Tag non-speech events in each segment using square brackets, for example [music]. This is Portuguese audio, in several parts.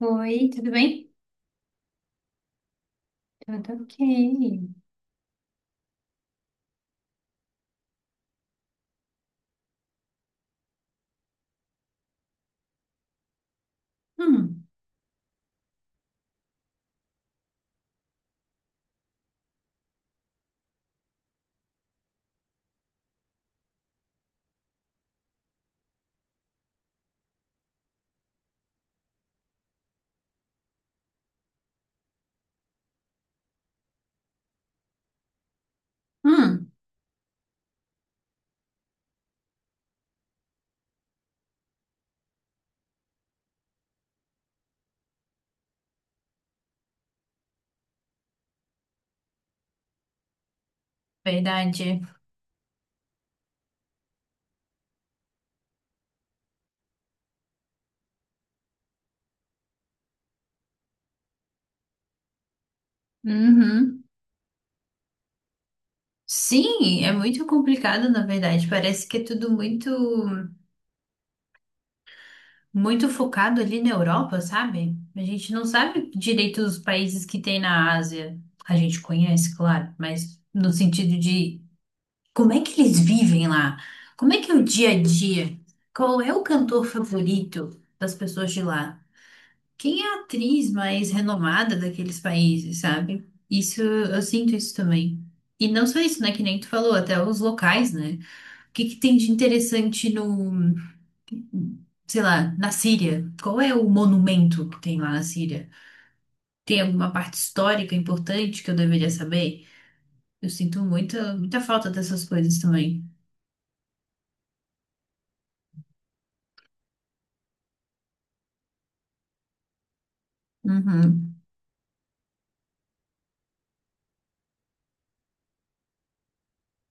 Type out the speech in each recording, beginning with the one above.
Oi, tudo bem? Tudo ok. Hum, hum, verdade. Uhum. Sim, é muito complicado, na verdade. Parece que é tudo muito focado ali na Europa, sabe? A gente não sabe direito os países que tem na Ásia. A gente conhece, claro, mas no sentido de como é que eles vivem lá? Como é que é o dia a dia? Qual é o cantor favorito das pessoas de lá? Quem é a atriz mais renomada daqueles países, sabe? Isso, eu sinto isso também. E não só isso, né? Que nem tu falou, até os locais, né? O que que tem de interessante no, sei lá, na Síria? Qual é o monumento que tem lá na Síria? Tem alguma parte histórica importante que eu deveria saber? Eu sinto muita falta dessas coisas também. Uhum,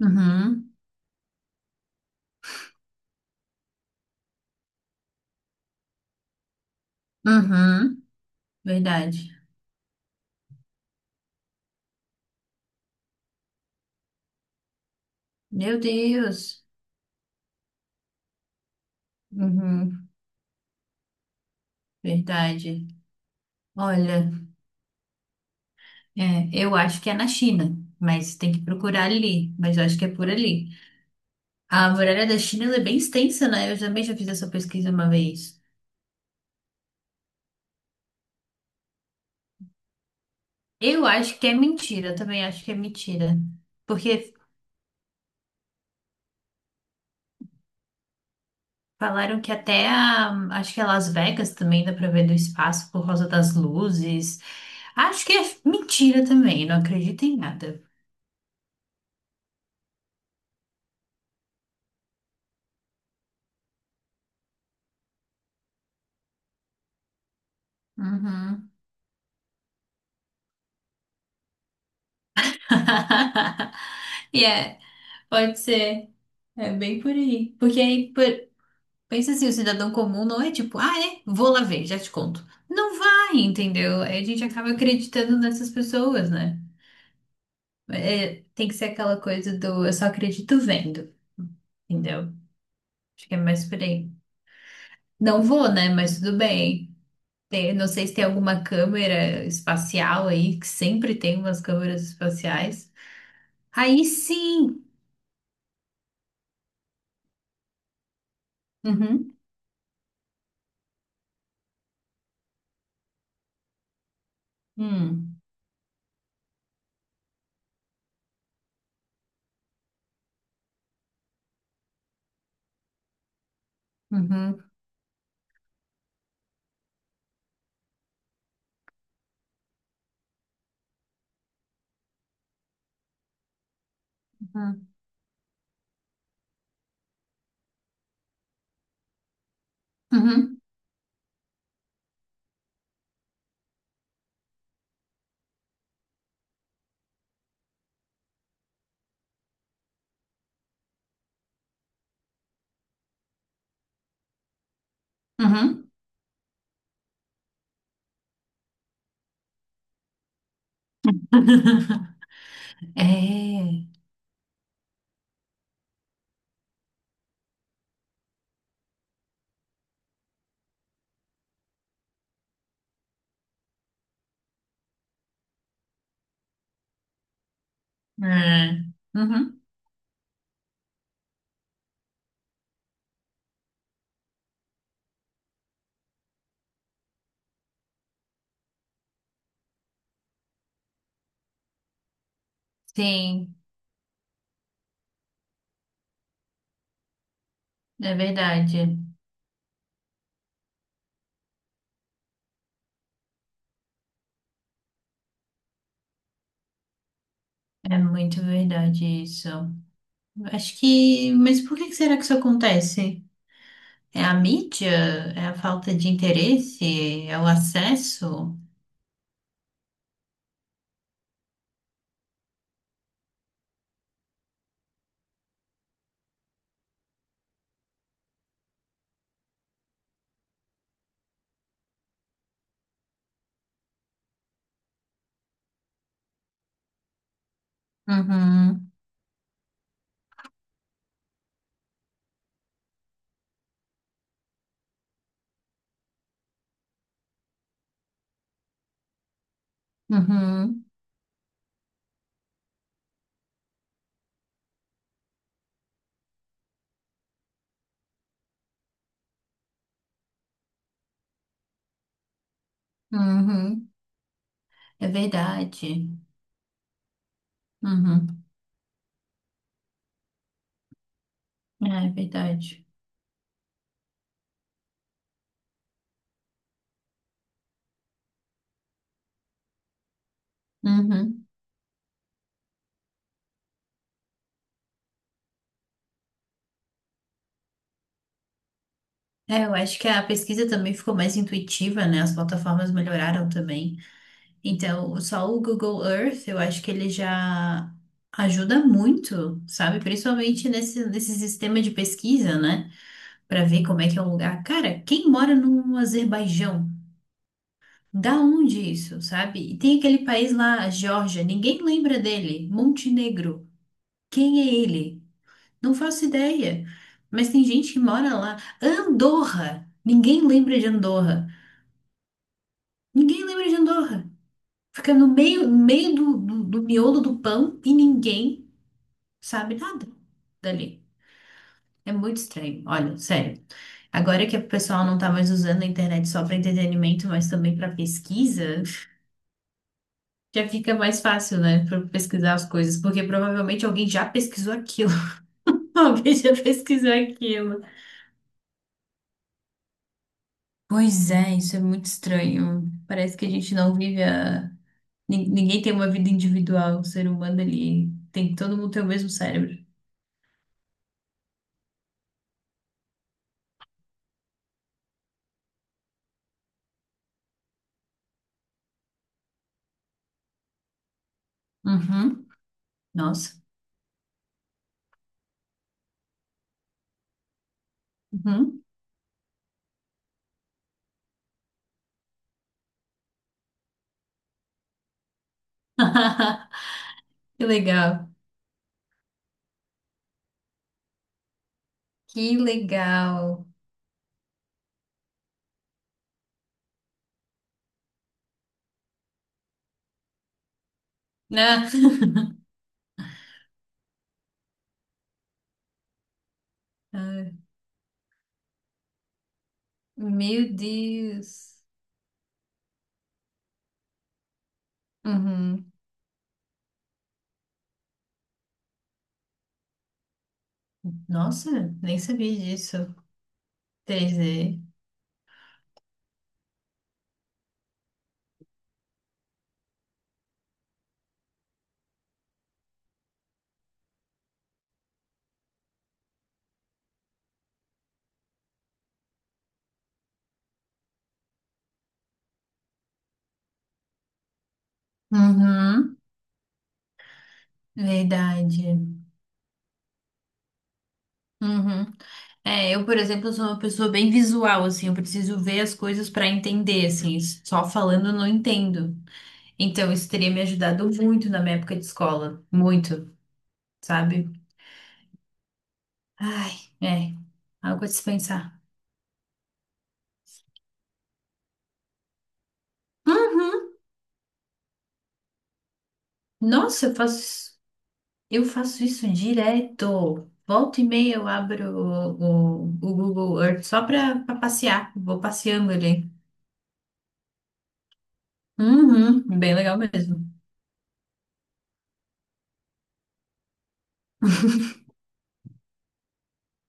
uhum, uhum. Verdade. Meu Deus. Uhum, verdade. Olha. É, eu acho que é na China, mas tem que procurar ali, mas eu acho que é por ali. A muralha da China, ela é bem extensa, né? Eu também já fiz essa pesquisa uma vez. Eu acho que é mentira, eu também acho que é mentira. Porque falaram que até a, acho que é Las Vegas também dá pra ver do espaço por causa das luzes. Acho que é mentira também, não acredito em nada. Uhum. [laughs] E é, pode ser. É bem por aí. Porque aí, por, pensa assim, o cidadão comum não é tipo, ah, é, vou lá ver, já te conto. Não vai, entendeu? Aí a gente acaba acreditando nessas pessoas, né? É, tem que ser aquela coisa do eu só acredito vendo, entendeu? Acho que é mais por aí. Não vou, né? Mas tudo bem. Tem- não sei se tem alguma câmera espacial aí, que sempre tem umas câmeras espaciais. Aí sim! Uhum, hum, uhum, uhum, uhum, uhum. [laughs] É. É. Uhum. Sim, é verdade. É muito verdade isso. Acho que. Mas por que que será que isso acontece? É a mídia? É a falta de interesse? É o acesso? Uhum, uhum, uhum. É verdade. Uhum. É verdade. Uhum. É, eu acho que a pesquisa também ficou mais intuitiva, né? As plataformas melhoraram também. Então, só o Google Earth, eu acho que ele já ajuda muito, sabe? Principalmente nesse sistema de pesquisa, né? Para ver como é que é o lugar. Cara, quem mora no Azerbaijão? Da onde isso, sabe? E tem aquele país lá, a Geórgia, ninguém lembra dele. Montenegro. Quem é ele? Não faço ideia. Mas tem gente que mora lá. Andorra. Ninguém lembra de Andorra. Ninguém lembra de Andorra. Fica no meio, no meio do miolo do pão e ninguém sabe nada dali. É muito estranho. Olha, sério. Agora que o pessoal não tá mais usando a internet só para entretenimento, mas também para pesquisa, já fica mais fácil, né, para pesquisar as coisas, porque provavelmente alguém já pesquisou aquilo. [laughs] Alguém já pesquisou aquilo. Pois é, isso é muito estranho. Parece que a gente não vive a... nin- ninguém tem uma vida individual, o ser humano ali. Tem, todo mundo tem o mesmo cérebro. Uhum. Nossa. Uhum. [laughs] Que legal. Que legal. Né? [laughs] Ai, Meu Deus. Uhum. Nossa, nem sabia disso. 3D. Uhum. Verdade. Uhum. É, eu, por exemplo, sou uma pessoa bem visual, assim, eu preciso ver as coisas para entender, assim, só falando eu não entendo. Então, isso teria me ajudado muito na minha época de escola. Muito, sabe? Ai, é. Algo a dispensar. Uhum. Nossa, eu faço isso direto. Volta e meia eu abro o Google Earth só para passear. Vou passeando ali. Uhum, bem legal mesmo.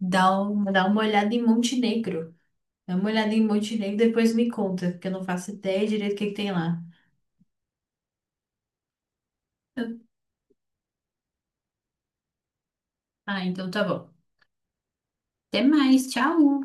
Dá uma olhada em Montenegro. Dá uma olhada em Montenegro e depois me conta, porque eu não faço ideia direito o que que tem lá. Ah, então tá bom. Até mais, tchau!